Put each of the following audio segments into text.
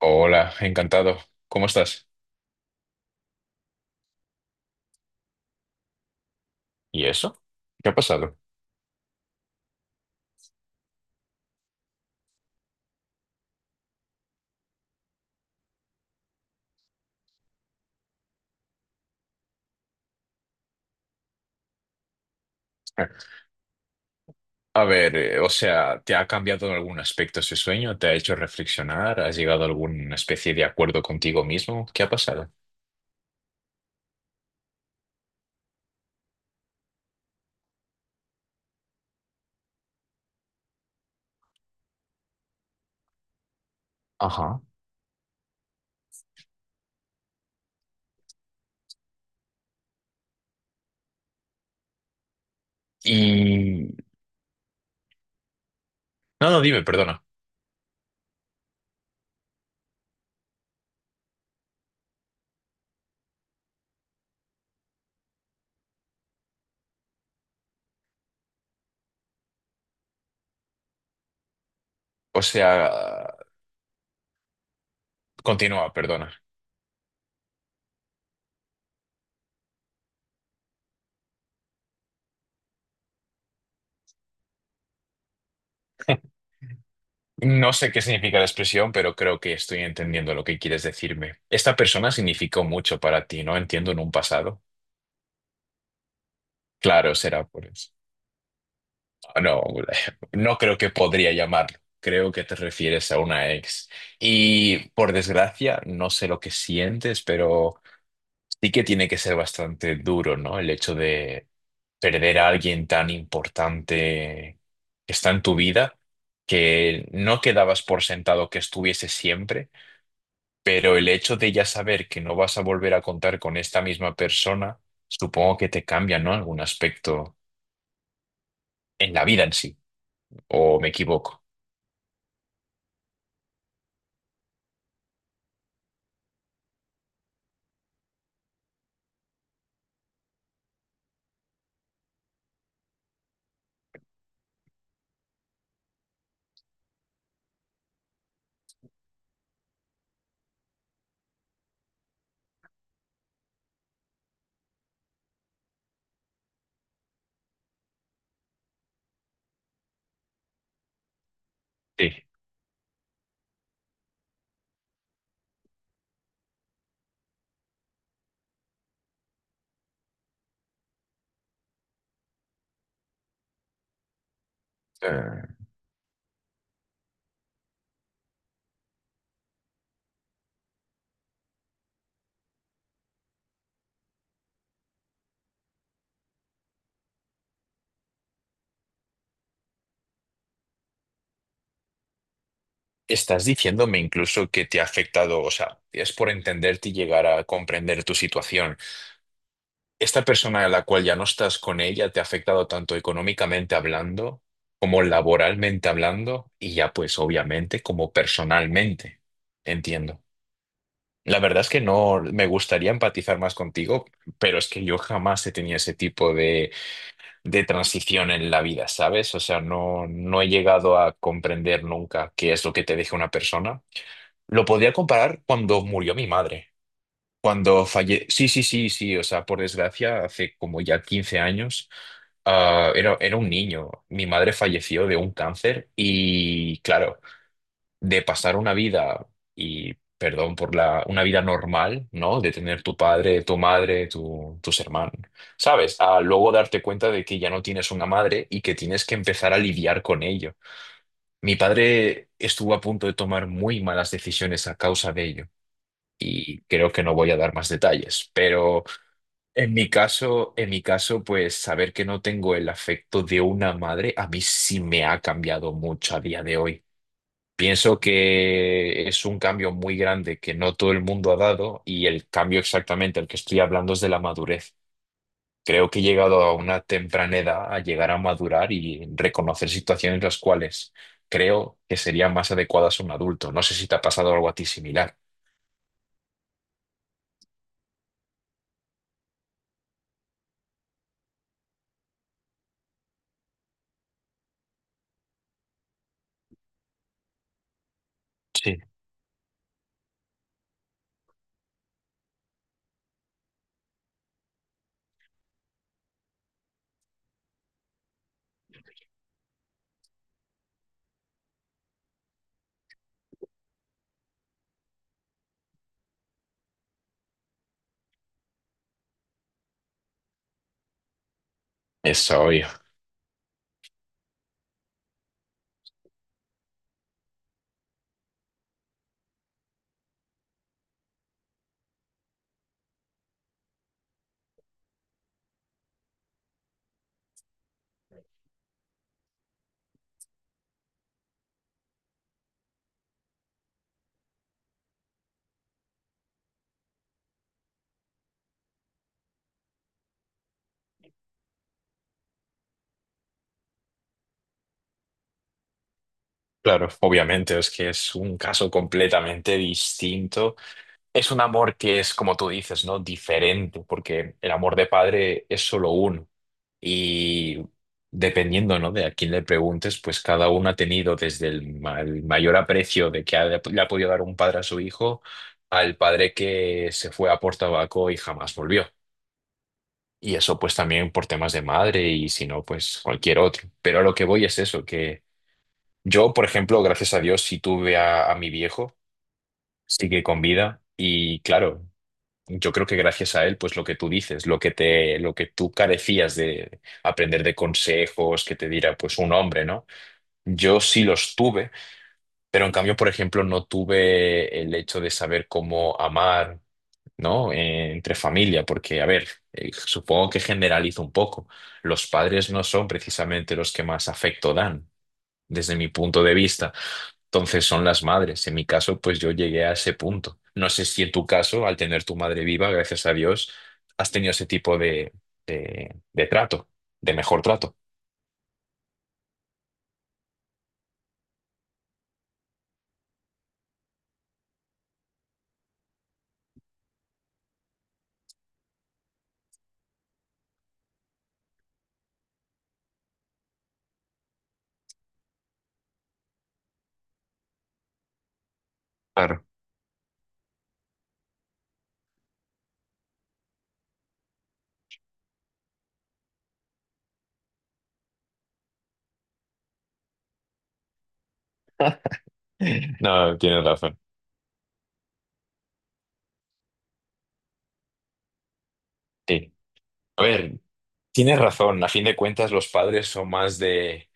Hola, encantado. ¿Cómo estás? ¿Y eso? ¿Qué ha pasado? A ver, o sea, ¿te ha cambiado en algún aspecto ese sueño? ¿Te ha hecho reflexionar? ¿Has llegado a alguna especie de acuerdo contigo mismo? ¿Qué ha pasado? Ajá. Y... No, no, dime, perdona. O sea, continúa, perdona. No sé qué significa la expresión, pero creo que estoy entendiendo lo que quieres decirme. Esta persona significó mucho para ti, ¿no? Entiendo en un pasado. Claro, será por eso. No, no creo que podría llamarlo. Creo que te refieres a una ex. Y por desgracia, no sé lo que sientes, pero sí que tiene que ser bastante duro, ¿no? El hecho de perder a alguien tan importante que está en tu vida, que no quedabas por sentado que estuviese siempre, pero el hecho de ya saber que no vas a volver a contar con esta misma persona, supongo que te cambia, ¿no? Algún aspecto en la vida en sí, ¿o me equivoco? Sí. Eh, Estás diciéndome incluso que te ha afectado, o sea, es por entenderte y llegar a comprender tu situación. ¿Esta persona a la cual ya no estás con ella te ha afectado tanto económicamente hablando como laboralmente hablando y ya pues obviamente como personalmente? Entiendo. La verdad es que no me gustaría empatizar más contigo, pero es que yo jamás he tenido ese tipo de transición en la vida, ¿sabes? O sea, no, no he llegado a comprender nunca qué es lo que te deja una persona. Lo podría comparar cuando murió mi madre. Cuando falle... Sí, sí, sí, sí. O sea, por desgracia, hace como ya 15 años, era, era un niño. Mi madre falleció de un cáncer y, claro, de pasar una vida, y perdón por la, una vida normal, ¿no? De tener tu padre, tu madre, tu, tus hermanos, ¿sabes? A luego darte cuenta de que ya no tienes una madre y que tienes que empezar a lidiar con ello. Mi padre estuvo a punto de tomar muy malas decisiones a causa de ello y creo que no voy a dar más detalles. Pero en mi caso, pues saber que no tengo el afecto de una madre a mí sí me ha cambiado mucho a día de hoy. Pienso que es un cambio muy grande que no todo el mundo ha dado y el cambio exactamente al que estoy hablando es de la madurez. Creo que he llegado a una temprana edad a llegar a madurar y reconocer situaciones las cuales creo que serían más adecuadas a un adulto. No sé si te ha pasado algo a ti similar. Sí. Eso. Claro, obviamente, es que es un caso completamente distinto. Es un amor que es, como tú dices, ¿no? Diferente, porque el amor de padre es solo uno. Y dependiendo, ¿no? De a quién le preguntes, pues cada uno ha tenido desde el, ma- el mayor aprecio de que ha- le ha podido dar un padre a su hijo, al padre que se fue a por tabaco y jamás volvió. Y eso pues también por temas de madre y si no, pues cualquier otro. Pero a lo que voy es eso, que... Yo, por ejemplo, gracias a Dios, sí tuve a mi viejo, sigue con vida y claro, yo creo que gracias a él, pues lo que tú dices, lo que te, lo que tú carecías de aprender de consejos que te diera pues un hombre, ¿no? Yo sí los tuve, pero en cambio, por ejemplo, no tuve el hecho de saber cómo amar, ¿no? Entre familia, porque a ver, supongo que generalizo un poco. Los padres no son precisamente los que más afecto dan, desde mi punto de vista. Entonces son las madres. En mi caso, pues yo llegué a ese punto. No sé si en tu caso, al tener tu madre viva, gracias a Dios, has tenido ese tipo de trato, de mejor trato. Claro. No, tienes razón. Sí. A ver, tienes razón. A fin de cuentas, los padres son más de...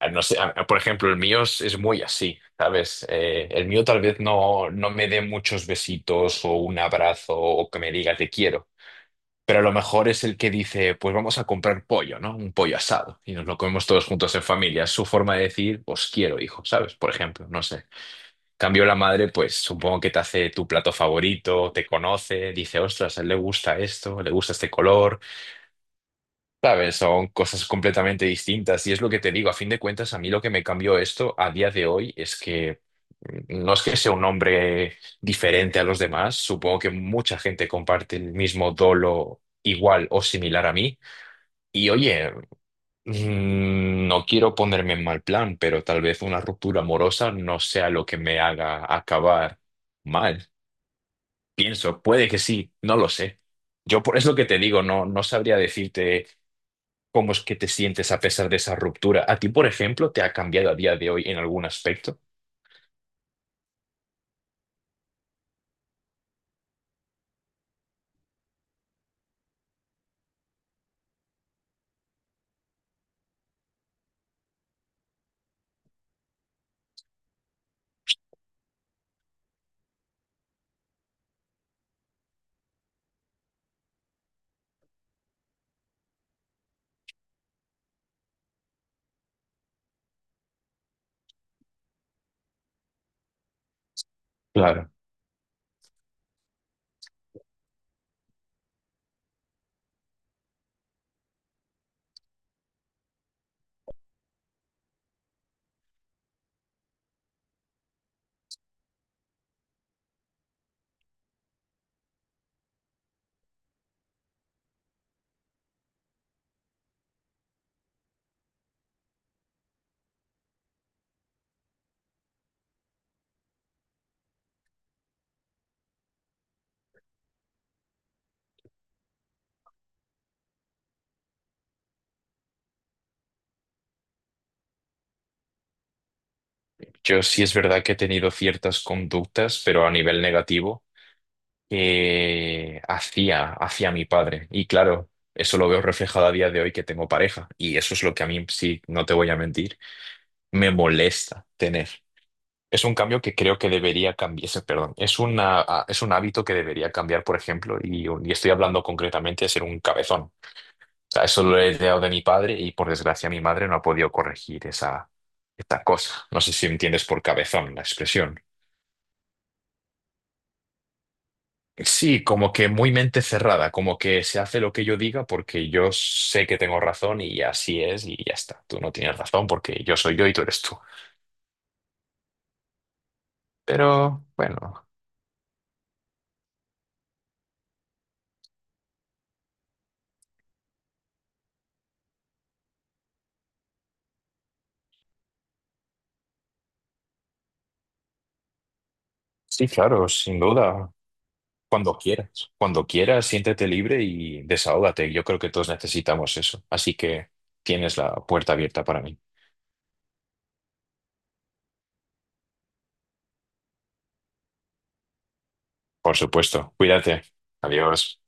No sé, por ejemplo, el mío es muy así, ¿sabes? El mío tal vez no, no me dé muchos besitos o un abrazo o que me diga te quiero. Pero a lo mejor es el que dice, pues vamos a comprar pollo, ¿no? Un pollo asado y nos lo comemos todos juntos en familia. Es su forma de decir, os quiero, hijo, ¿sabes? Por ejemplo, no sé. Cambio la madre, pues supongo que te hace tu plato favorito, te conoce, dice, ostras, a él le gusta esto, le gusta este color, ¿sabes? Son cosas completamente distintas y es lo que te digo, a fin de cuentas, a mí lo que me cambió esto a día de hoy es que no es que sea un hombre diferente a los demás, supongo que mucha gente comparte el mismo dolo igual o similar a mí y oye, no quiero ponerme en mal plan, pero tal vez una ruptura amorosa no sea lo que me haga acabar mal. Pienso, puede que sí, no lo sé. Yo por eso que te digo, no, no sabría decirte cómo es que te sientes a pesar de esa ruptura. ¿A ti, por ejemplo, te ha cambiado a día de hoy en algún aspecto? Claro. Yo sí es verdad que he tenido ciertas conductas, pero a nivel negativo. Que hacía hacia mi padre. Y claro, eso lo veo reflejado a día de hoy que tengo pareja. Y eso es lo que a mí, sí, no te voy a mentir, me molesta tener. Es un cambio que creo que debería cambiar, perdón, es una, es un hábito que debería cambiar, por ejemplo, y estoy hablando concretamente de ser un cabezón. O sea, eso lo he heredado de mi padre y por desgracia mi madre no ha podido corregir esa, esta cosa. No sé si entiendes por cabezón la expresión. Sí, como que muy mente cerrada, como que se hace lo que yo diga porque yo sé que tengo razón y así es y ya está. Tú no tienes razón porque yo soy yo y tú eres tú. Pero bueno, sí, claro, sin duda, cuando quieras. Cuando quieras, siéntete libre y desahógate. Yo creo que todos necesitamos eso. Así que tienes la puerta abierta para mí. Por supuesto, cuídate. Adiós.